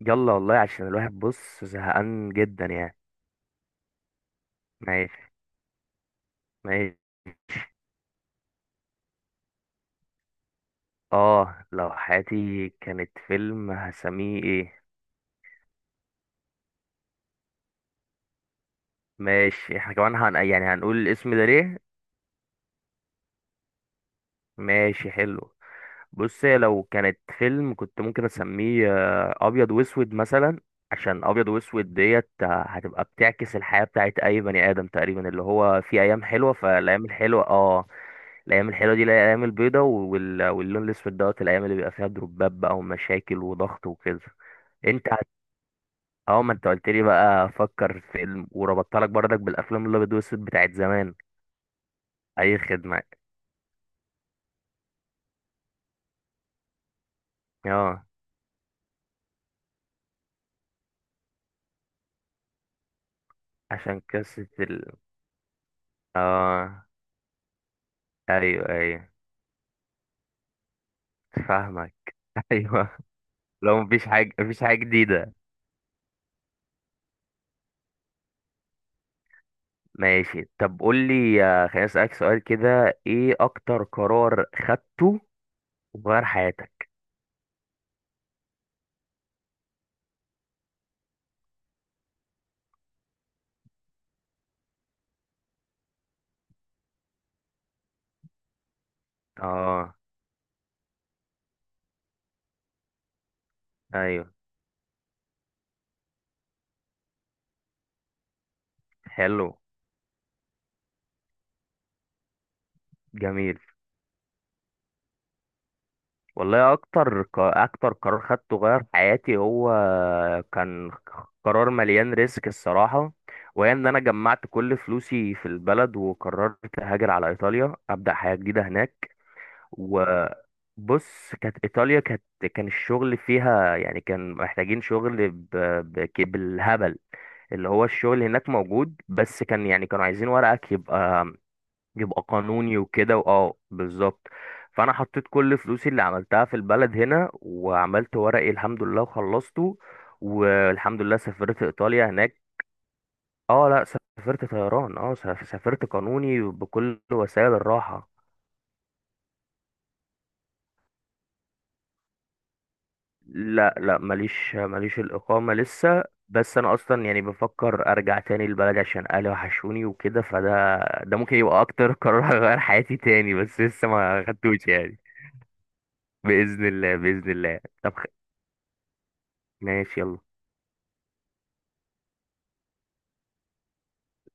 يلا والله عشان الواحد بص زهقان جدا يعني. ماشي، ماشي. اه لو حياتي كانت فيلم هسميه ايه؟ ماشي احنا كمان يعني هنقول الاسم ده ليه. ماشي حلو. بص هي لو كانت فيلم كنت ممكن اسميه ابيض واسود مثلا. عشان ابيض واسود ديت، هتبقى بتعكس الحياة بتاعت اي بني ادم تقريبا اللي هو في ايام حلوة، فالايام الحلوة اه الايام الحلوه دي الايام البيضه، واللون الاسود دوت الايام اللي بيبقى فيها دروبات بقى ومشاكل وضغط وكده. انت هت- اه ما انت قلت لي بقى فكر في فيلم، وربطت لك برضك بالافلام الابيض والاسود بتاعت زمان. اي خدمه. اه عشان قصه ال اه ايوه ايوه فاهمك. ايوه. لو مفيش حاجه مفيش حاجه جديده. ماشي طب قول لي، خليني اسالك سؤال كده، ايه اكتر قرار خدته وغير حياتك؟ اه. ايوه. حلو. جميل. والله اكتر اكتر قرار خدته غير حياتي هو كان قرار مليان ريسك الصراحه، وهي ان انا جمعت كل فلوسي في البلد وقررت اهاجر على ايطاليا ابدا حياه جديده هناك. وبص كانت ايطاليا كانت كان الشغل فيها يعني كان محتاجين شغل بالهبل. اللي هو الشغل هناك موجود، بس كان يعني كانوا عايزين ورقك يبقى يبقى قانوني وكده، واه بالظبط. فانا حطيت كل فلوسي اللي عملتها في البلد هنا، وعملت ورقي الحمد لله وخلصته، والحمد لله سافرت ايطاليا هناك. اه لا، سافرت طيران، اه سافرت قانوني بكل وسائل الراحة. لا لا، ماليش ماليش الاقامة لسه، بس انا اصلا يعني بفكر ارجع تاني البلد عشان اهلي وحشوني وكده، فده ده ممكن يبقى اكتر قرار هيغير حياتي تاني، بس لسه ما خدتوش يعني. بإذن الله بإذن الله. طب ماشي يلا.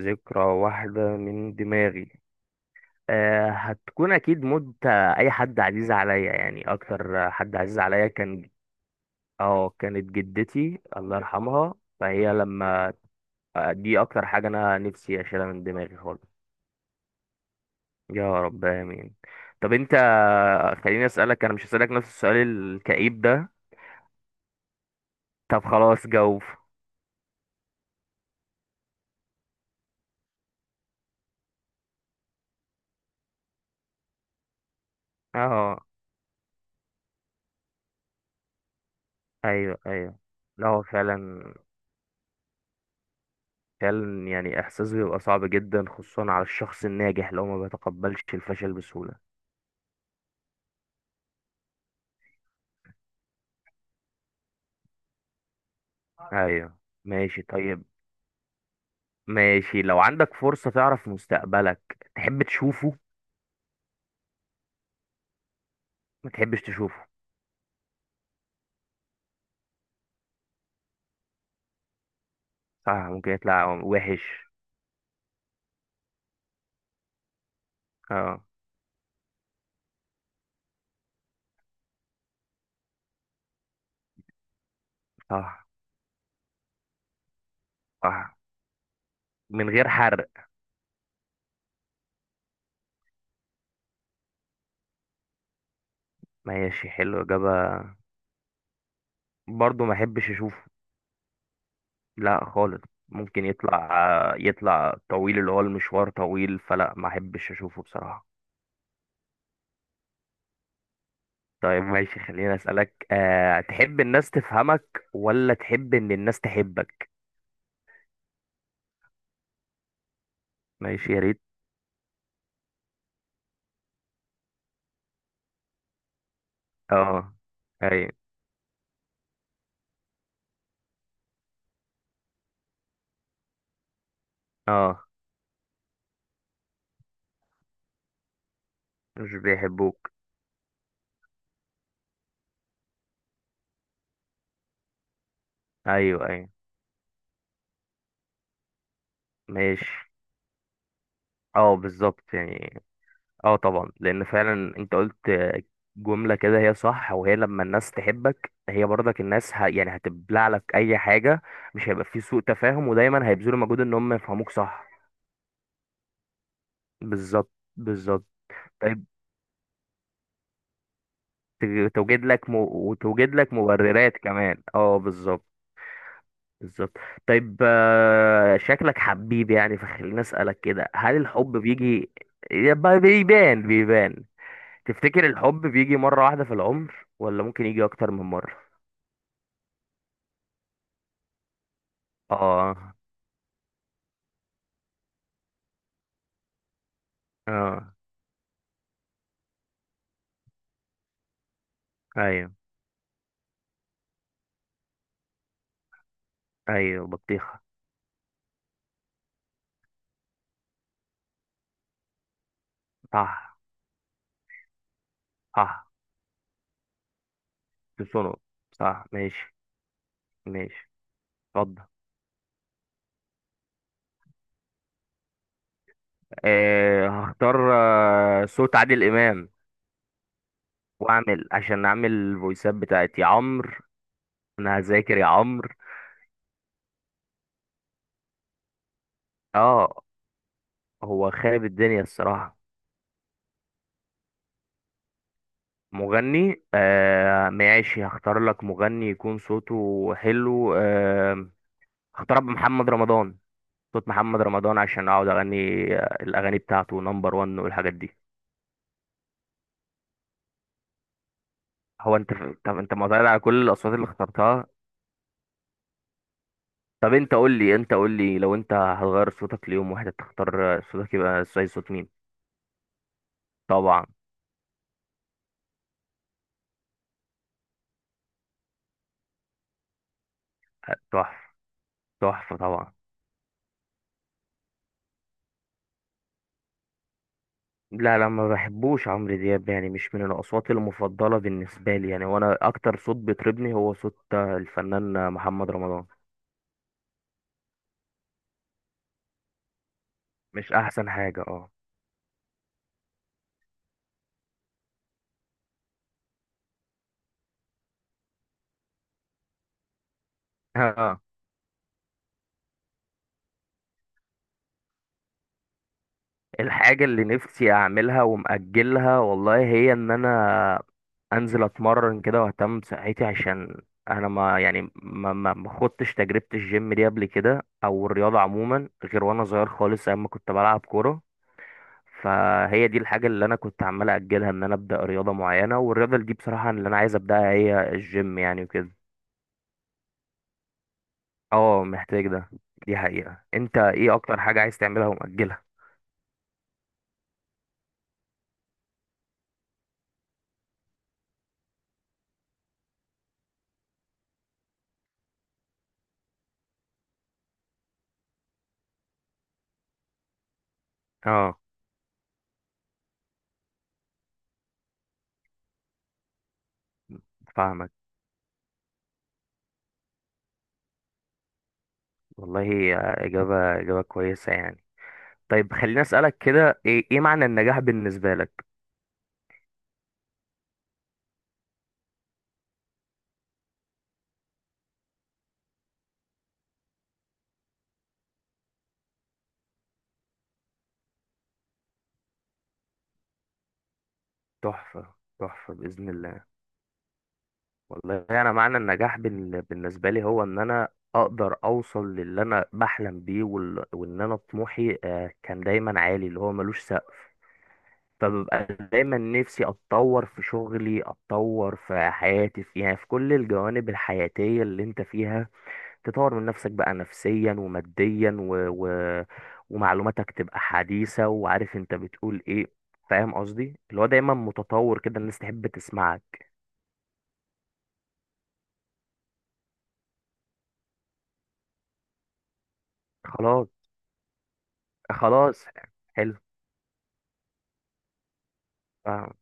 ذكرى واحدة من دماغي؟ هتكون أكيد موت أي حد عزيز عليا، يعني أكتر حد عزيز عليا كان، اه كانت جدتي الله يرحمها. فهي لما، دي أكتر حاجة أنا نفسي أشيلها من دماغي خالص. يا رب آمين. طب أنت، خليني أسألك، أنا مش هسألك نفس السؤال الكئيب ده. طب خلاص جاوب. اه. أيوه أيوه. لا هو فعلا، فعلا يعني احساس بيبقى صعب جدا خصوصا على الشخص الناجح لو ما بيتقبلش الفشل بسهولة. ايوه. ماشي طيب. ماشي لو عندك فرصة تعرف مستقبلك تحب تشوفه؟ ما تحبش تشوفه؟ صح، ممكن يطلع وحش. اه. صح. صح. من غير حرق. ماشي حلو اجابة. برضو ما احبش اشوفه. لا خالص. ممكن يطلع، يطلع طويل اللي هو المشوار طويل، فلا ما احبش اشوفه بصراحة. طيب ماشي خليني أسألك، تحب الناس تفهمك ولا تحب إن الناس تحبك؟ ماشي يا ريت. اه. أي. اه. مش بيحبوك. أيوه أيوه. ماشي. اه بالظبط يعني. اه طبعا، لأن فعلا أنت قلت جملة كده هي صح، وهي لما الناس تحبك هي برضك الناس يعني هتبلع لك أي حاجة، مش هيبقى في سوء تفاهم، ودايما هيبذلوا مجهود إن هم يفهموك صح. بالظبط. بالظبط. طيب توجد لك وتوجد لك مبررات كمان، اه بالظبط. بالظبط. طيب، شكلك حبيب يعني، فخليني اسألك كده، هل الحب بيجي يبقى بيبان بيبان؟ تفتكر الحب بيجي مرة واحدة في العمر ولا ممكن يجي أكتر من مرة؟ اه. اه. ايوه ايوه بطيخة. صح. صح. تصنع. صح ماشي. ماشي اتفضل. هختار صوت عادل إمام، واعمل عشان اعمل الفويسات بتاعت يا عمرو. انا هذاكر يا عمرو. اه هو خارب الدنيا الصراحه. مغني، ماشي هختار لك مغني يكون صوته حلو. هختار محمد رمضان. صوت محمد رمضان عشان اقعد اغني، الاغاني بتاعته نمبر 1 والحاجات دي. هو انت، طب انت معترض على كل الاصوات اللي اخترتها؟ طب انت قول لي، انت قول لي، لو انت هتغير صوتك ليوم واحد تختار صوتك يبقى زي صوت مين؟ طبعا. تحفه. تحفه طبعا. لا لا ما بحبوش عمرو دياب يعني، مش من الاصوات المفضله بالنسبه لي يعني، وانا اكتر صوت بيطربني هو صوت الفنان محمد رمضان. مش احسن حاجه اه. اه. الحاجه اللي نفسي اعملها ومأجلها والله هي ان انا انزل اتمرن كده واهتم بصحتي، عشان انا ما يعني ما خدتش تجربه الجيم دي قبل كده، او الرياضه عموما غير وانا صغير خالص ايام ما كنت بلعب كوره. فهي دي الحاجة اللي أنا كنت عمال أجلها، إن أنا أبدأ رياضة معينة، والرياضة اللي دي بصراحة اللي أنا عايز أبدأها هي الجيم يعني وكده. اه محتاج ده. دي حقيقة. أنت إيه أكتر حاجة عايز تعملها ومأجلها؟ اه. فاهمك. والله هي إجابة إجابة كويسة يعني. طيب خليني أسألك كده، إيه إيه معنى النجاح بالنسبة لك؟ تحفة تحفة بإذن الله. والله انا معنى النجاح بالنسبه لي هو ان انا اقدر اوصل للي انا بحلم بيه، وان انا طموحي كان دايما عالي اللي هو ملوش سقف. فببقى دايما نفسي اتطور في شغلي، اتطور في حياتي، في يعني في كل الجوانب الحياتيه اللي انت فيها تطور من نفسك بقى، نفسيا وماديا و... ومعلوماتك تبقى حديثه، وعارف انت بتقول ايه. فاهم قصدي اللي هو دايما متطور كده، الناس تحب تسمعك. خلاص. خلاص حلو. فاهم.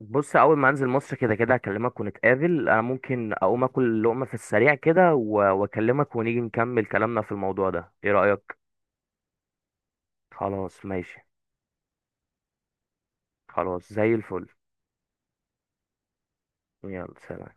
بص اول ما انزل مصر كده كده هكلمك ونتقابل، انا ممكن اقوم اكل لقمه في السريع كده واكلمك ونيجي نكمل كلامنا في الموضوع ده، ايه رايك؟ خلاص ماشي. خلاص زي الفل. يلا سلام.